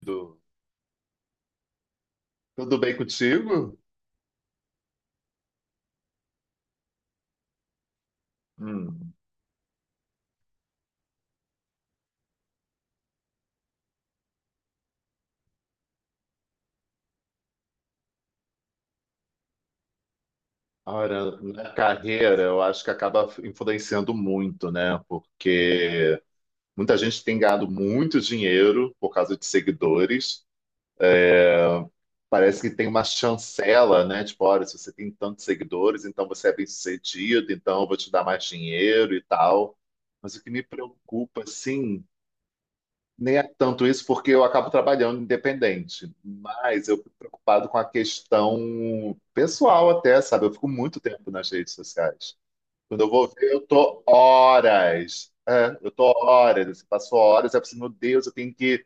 Tudo, tudo bem contigo? Hum. Ora, na carreira, eu acho que acaba influenciando muito, né? Porque muita gente tem ganhado muito dinheiro por causa de seguidores. Parece que tem uma chancela, né? Tipo, olha, se você tem tantos seguidores, então você é bem-sucedido, então eu vou te dar mais dinheiro e tal. Mas o que me preocupa, assim, nem é tanto isso, porque eu acabo trabalhando independente, mas eu fico preocupado com a questão pessoal até, sabe? Eu fico muito tempo nas redes sociais. Quando eu vou ver, eu tô horas. É, eu tô horas, assim, passo horas, eu preciso, meu Deus, eu tenho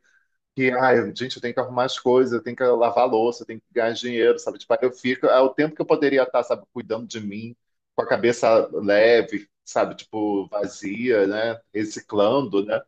que, ai, gente, eu tenho que arrumar as coisas, eu tenho que lavar a louça, eu tenho que ganhar dinheiro, sabe? Tipo, aí eu fico, é o tempo que eu poderia estar, sabe, cuidando de mim, com a cabeça leve, sabe, tipo, vazia, né? Reciclando, né?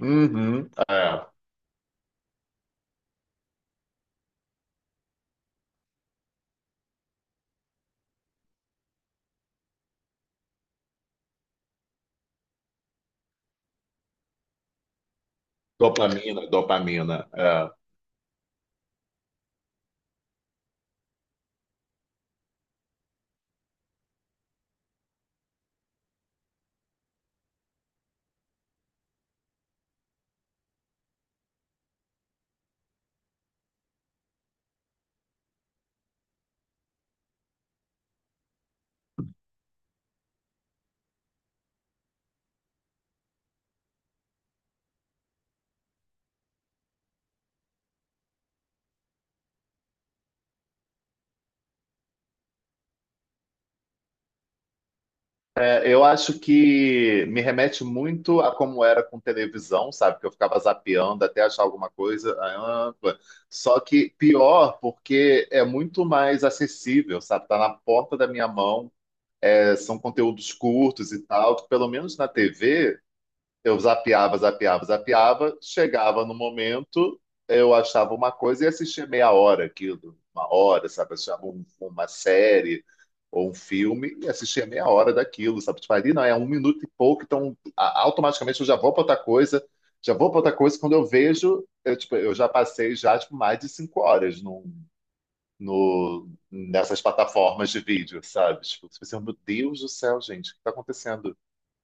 Uhum. É. Dopamina, dopamina. É. É, eu acho que me remete muito a como era com televisão, sabe? Que eu ficava zapeando até achar alguma coisa. Ah, pô. Só que pior, porque é muito mais acessível, sabe? Tá na porta da minha mão. É, são conteúdos curtos e tal, que pelo menos na TV. Eu zapeava, zapeava, zapeava, chegava no momento, eu achava uma coisa e assistia meia hora aquilo, uma hora, sabe? Achava uma série ou um filme e assistia meia hora daquilo, sabe? Tipo, ali não, é um minuto e pouco, então automaticamente eu já vou para outra coisa, já vou para outra coisa. Quando eu vejo, eu, tipo, eu já passei já tipo, mais de cinco horas num, no, nessas plataformas de vídeo, sabe? Tipo, você pensa, meu Deus do céu, gente, o que está acontecendo?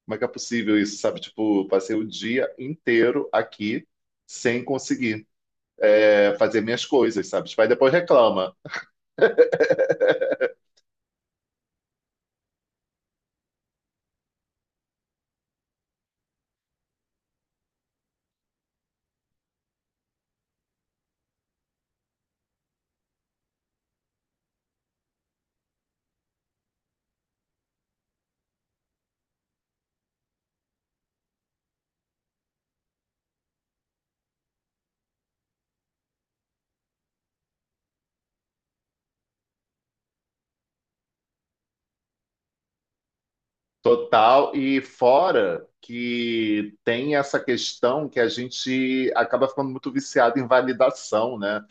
Como é que é possível isso, sabe? Tipo, passei o dia inteiro aqui sem conseguir fazer minhas coisas, sabe? Tipo, aí depois reclama. Total. E fora que tem essa questão que a gente acaba ficando muito viciado em validação, né?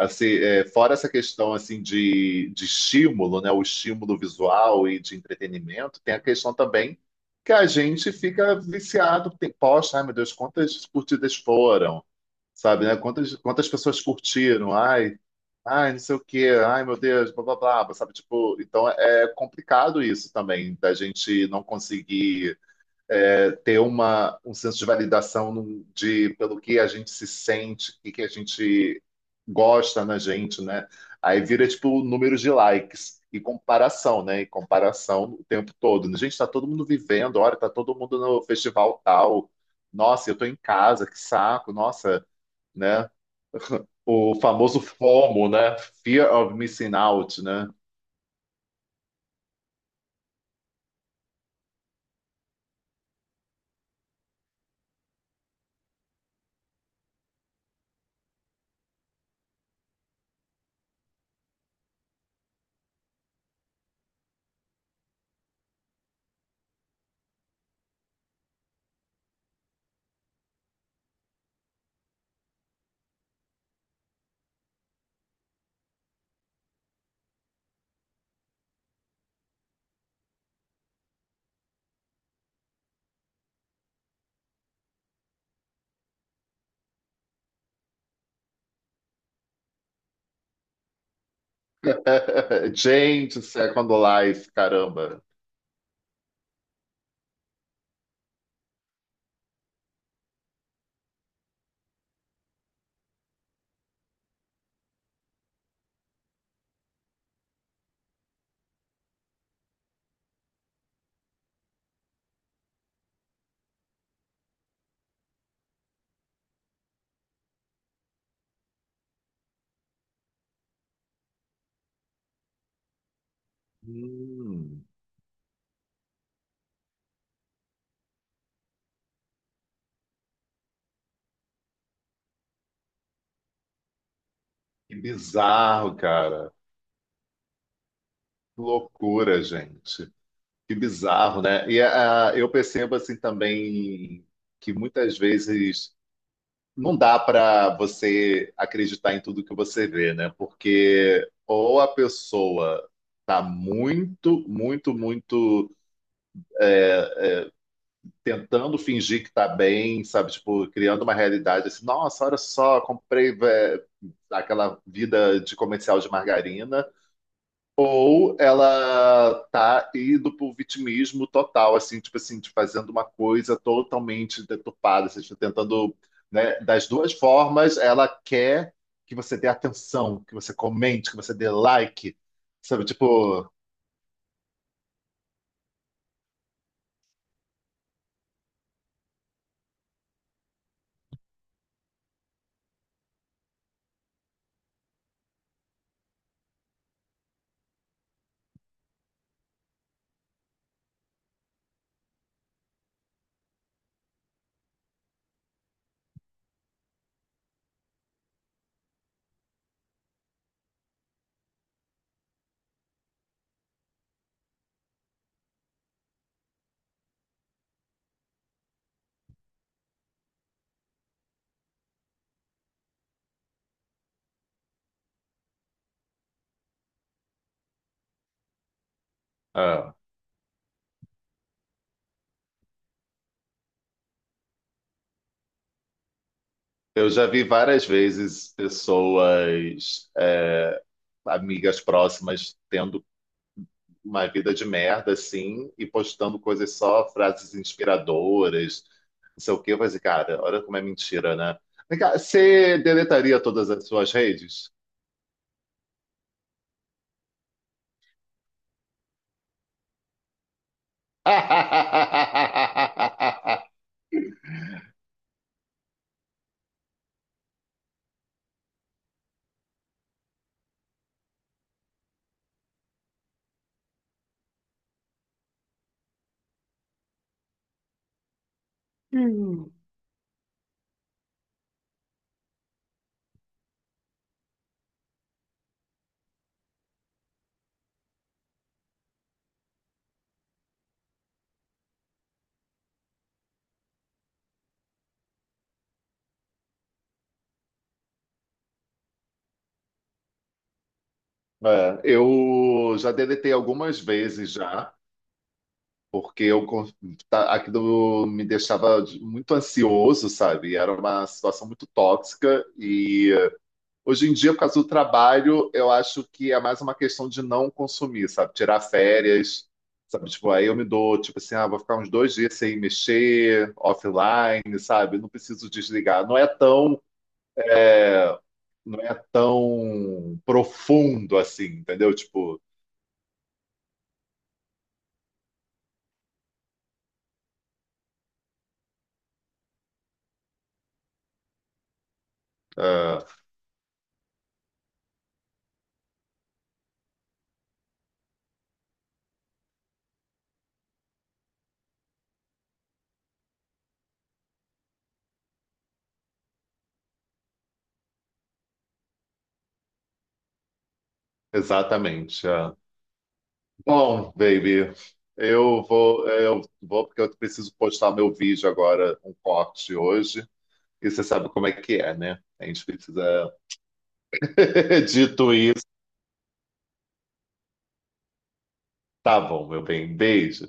Assim, é, fora essa questão assim de estímulo, né? O estímulo visual e de entretenimento, tem a questão também que a gente fica viciado. Tem, poxa, ai meu Deus, quantas curtidas foram? Sabe, né? Quantas, quantas pessoas curtiram? Ai, ai, não sei o quê, ai, meu Deus, blá, blá, blá, sabe? Tipo, então é complicado isso também, da gente não conseguir ter uma, um senso de validação de pelo que a gente se sente, o que que a gente gosta na gente, né? Aí vira, tipo, números de likes. E comparação, né? E comparação o tempo todo. Né? Gente, tá todo mundo vivendo, olha, tá todo mundo no festival tal. Nossa, eu tô em casa, que saco. Nossa, né? O famoso FOMO, né? Fear of Missing Out, né? Gente, Second Life, caramba. Hum, que bizarro, cara. Que loucura, gente. Que bizarro, né? E ah, eu percebo assim também que muitas vezes não dá para você acreditar em tudo que você vê, né? Porque ou a pessoa tá muito, muito, muito tentando fingir que está bem, sabe? Tipo, criando uma realidade assim, nossa, olha só, comprei vé, aquela vida de comercial de margarina, ou ela tá indo pro vitimismo total, assim, tipo assim, de fazendo uma coisa totalmente deturpada, assim, tipo, tentando, né, das duas formas, ela quer que você dê atenção, que você comente, que você dê like, sabe? Tipo, ah, eu já vi várias vezes pessoas amigas próximas tendo uma vida de merda, assim, e postando coisas só, frases inspiradoras, não sei o quê. Eu falei assim, cara, olha como é mentira, né? Vem cá, você deletaria todas as suas redes? É, eu já deletei algumas vezes já, porque aquilo me deixava muito ansioso, sabe? Era uma situação muito tóxica e hoje em dia, por causa do trabalho, eu acho que é mais uma questão de não consumir, sabe? Tirar férias, sabe? Tipo, aí eu me dou, tipo assim, ah, vou ficar uns dois dias sem mexer, offline, sabe? Não preciso desligar. Não é tão, é, não é tão profundo assim, entendeu? Tipo, é, exatamente. É. Bom, baby, eu vou porque eu preciso postar meu vídeo agora, um corte hoje. E você sabe como é que é, né? A gente precisa. Dito isso, tá bom, meu bem. Beijo.